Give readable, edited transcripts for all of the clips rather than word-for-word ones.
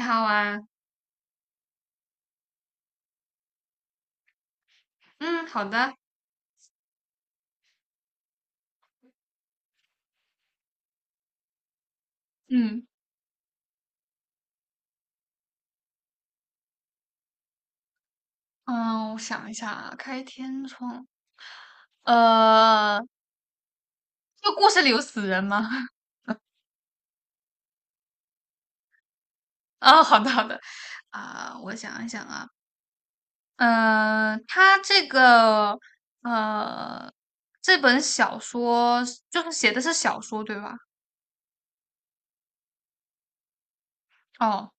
你好啊。嗯，好的。嗯嗯，我想一下啊。开天窗，呃，这个故事里有死人吗？哦，好的，好的。啊，我想一想啊。他这个，呃，这本小说，就是写的是小说对吧？哦。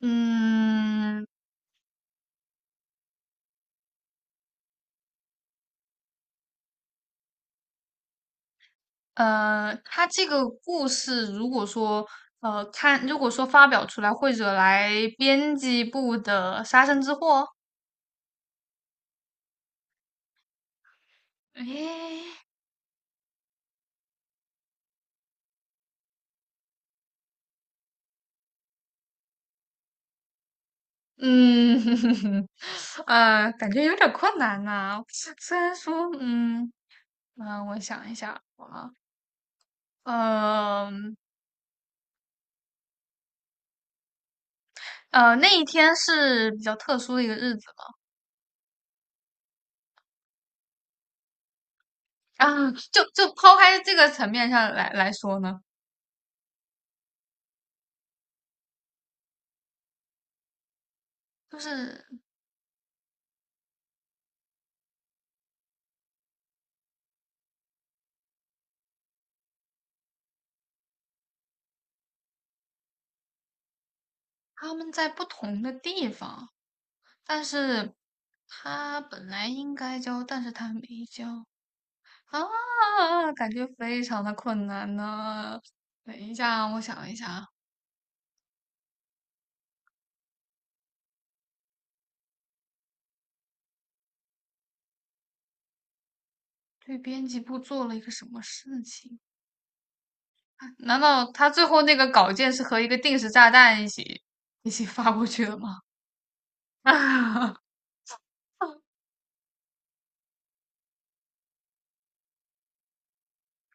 嗯他这个故事如果说，如果说发表出来会惹来编辑部的杀身之祸。哎。嗯。啊，感觉有点困难呐，虽然说，嗯，啊，我想一下啊，嗯，那一天是比较特殊的一个日子。啊，就抛开这个层面上来说呢，就是他们在不同的地方，但是他本来应该交，但是他没交。啊，感觉非常的困难呢，等一下，我想一下。对编辑部做了一个什么事情？难道他最后那个稿件是和一个定时炸弹一起发过去的吗？啊。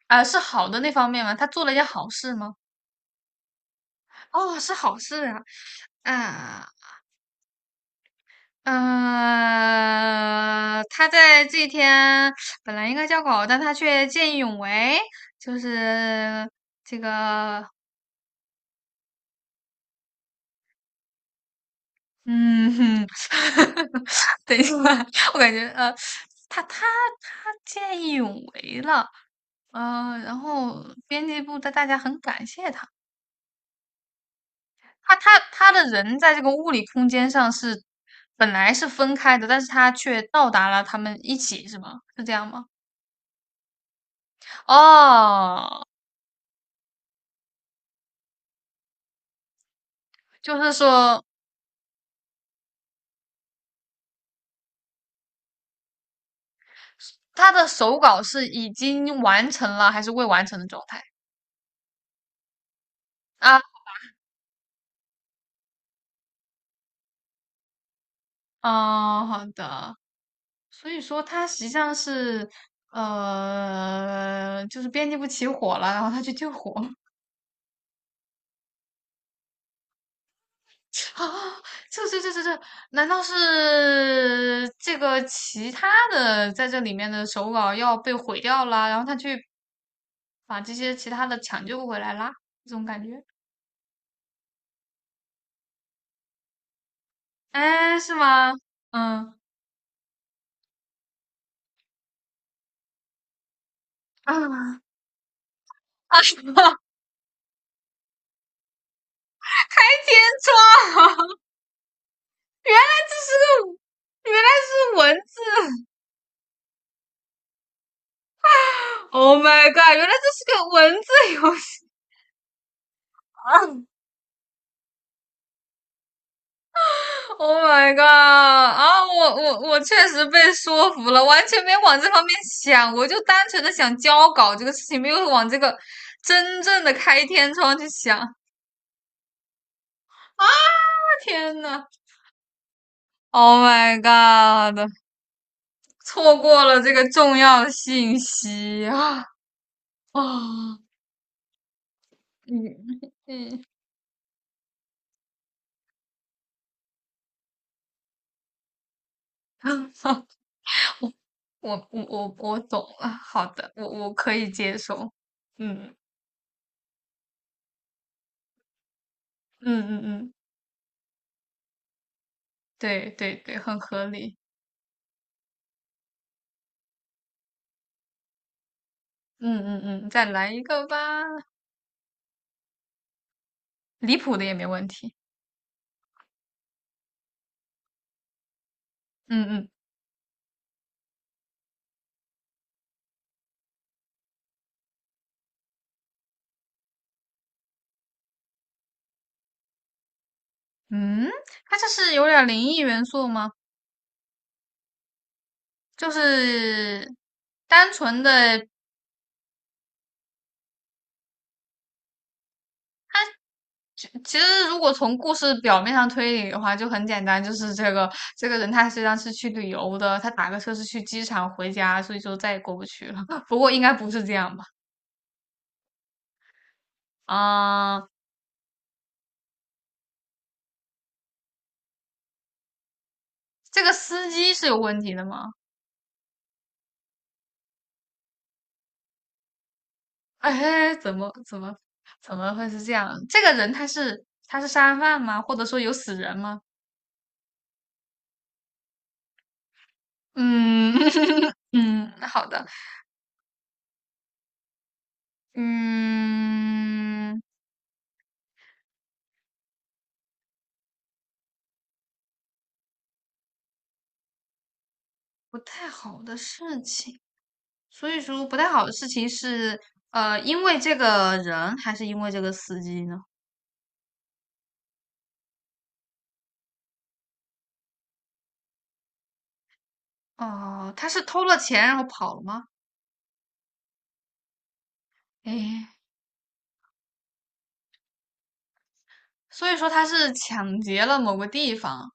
啊，是好的那方面吗？他做了一件好事吗？哦，是好事啊。啊。他在这一天本来应该交稿，但他却见义勇为，就是这个，嗯哼。等一下，我感觉，他他他见义勇为了。然后编辑部的大家很感谢他。他的人在这个物理空间上是本来是分开的，但是他却到达了他们一起，是吗？是这样吗？哦。就是说，他的手稿是已经完成了还是未完成的状态啊？哦，好的。所以说他实际上是，就是编辑部起火了，然后他去救火。啊，这这这这这，难道是这个其他的在这里面的手稿要被毁掉了，然后他去把这些其他的抢救回来啦？这种感觉。哎，是吗？嗯。啊啊！什么？开天窗？原来这是个，原来是文字。Oh my god！原来这是个文字游戏。Oh my god！啊，我确实被说服了，完全没往这方面想，我就单纯的想交稿这个事情，没有往这个真正的开天窗去想。啊，天呐， o h my god！错过了这个重要信息啊。啊！嗯嗯。啊，我懂了，好的，我可以接受。嗯嗯嗯，嗯。对，对，对，很合理。嗯嗯嗯，再来一个吧。离谱的也没问题。嗯嗯嗯。他这是有点灵异元素吗？就是单纯的。就其实如果从故事表面上推理的话，就很简单，就是这个，这个人他实际上是去旅游的，他打个车是去机场回家，所以就再也过不去了。不过应该不是这样吧？啊，这个司机是有问题的吗？哎，怎么会是这样？这个人他是他是杀人犯吗？或者说有死人吗？嗯。 嗯，好的。嗯，不太好的事情，所以说不太好的事情是，因为这个人还是因为这个司机呢？哦，他是偷了钱然后跑了吗？诶，所以说他是抢劫了某个地方，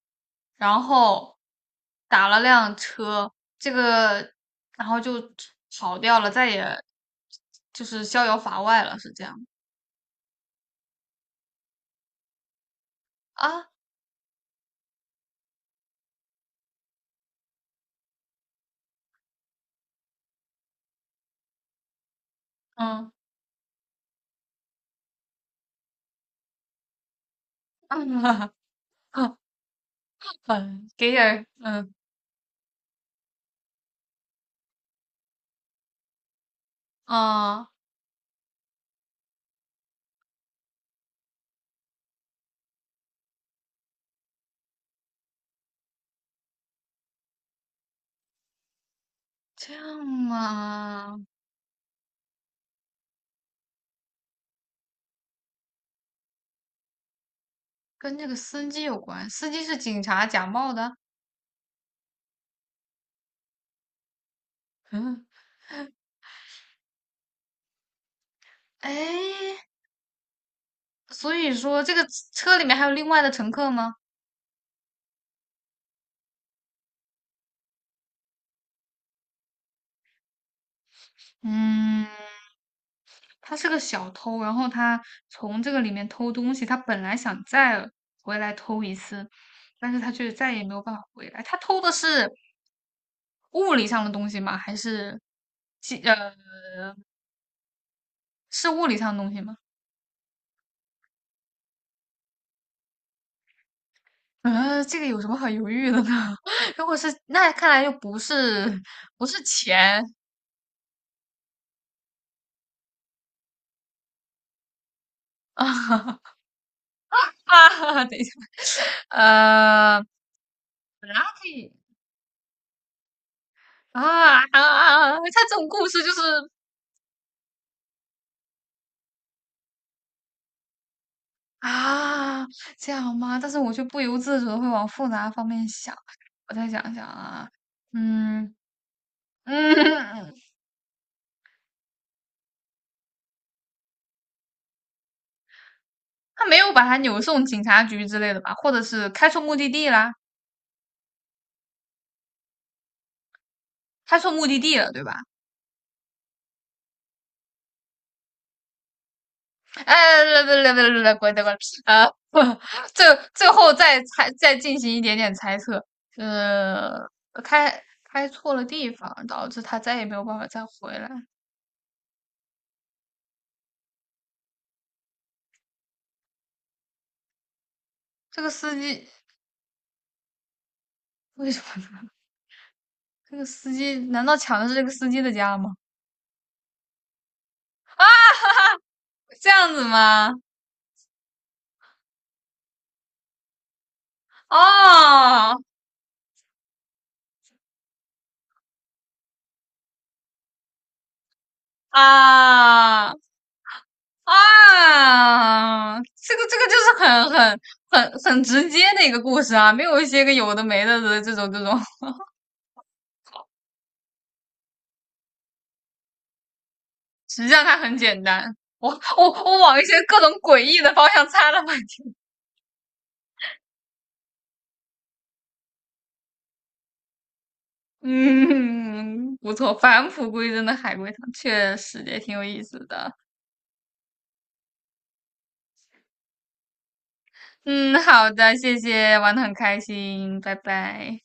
然后打了辆车，这个，然后就跑掉了，再也就是逍遥法外了，是这样啊？嗯嗯。嗯，给点儿嗯，啊，这样嘛。跟这个司机有关，司机是警察假冒的。哎，所以说这个车里面还有另外的乘客吗？嗯，他是个小偷，然后他从这个里面偷东西，他本来想再回来偷一次，但是他却再也没有办法回来。他偷的是物理上的东西吗？还是，技呃，是物理上的东西吗？这个有什么好犹豫的呢？如果是那看来又不是，不是钱啊。 啊！等一下，呃，本来可以啊。啊啊，他这种故事就是啊，这样吗？但是我却不由自主的会往复杂方面想。我再想想啊。嗯嗯。他没有把他扭送警察局之类的吧？或者是开错目的地啦，开错目的地了，对吧？哎，来来来来来，过来过来。啊，最最后再猜，再进行一点点猜测。呃，开错了地方，导致他再也没有办法再回来。这个司机为什么呢？这个司机难道抢的是这个司机的家吗？啊。哈哈，这样子吗？哦。啊啊，这个这个就是很直接的一个故事啊，没有一些个有的没的的这种这种。实际上它很简单。我往一些各种诡异的方向猜了半天。嗯，不错，返璞归真的海龟汤确实也挺有意思的。嗯，好的，谢谢，玩的很开心，拜拜。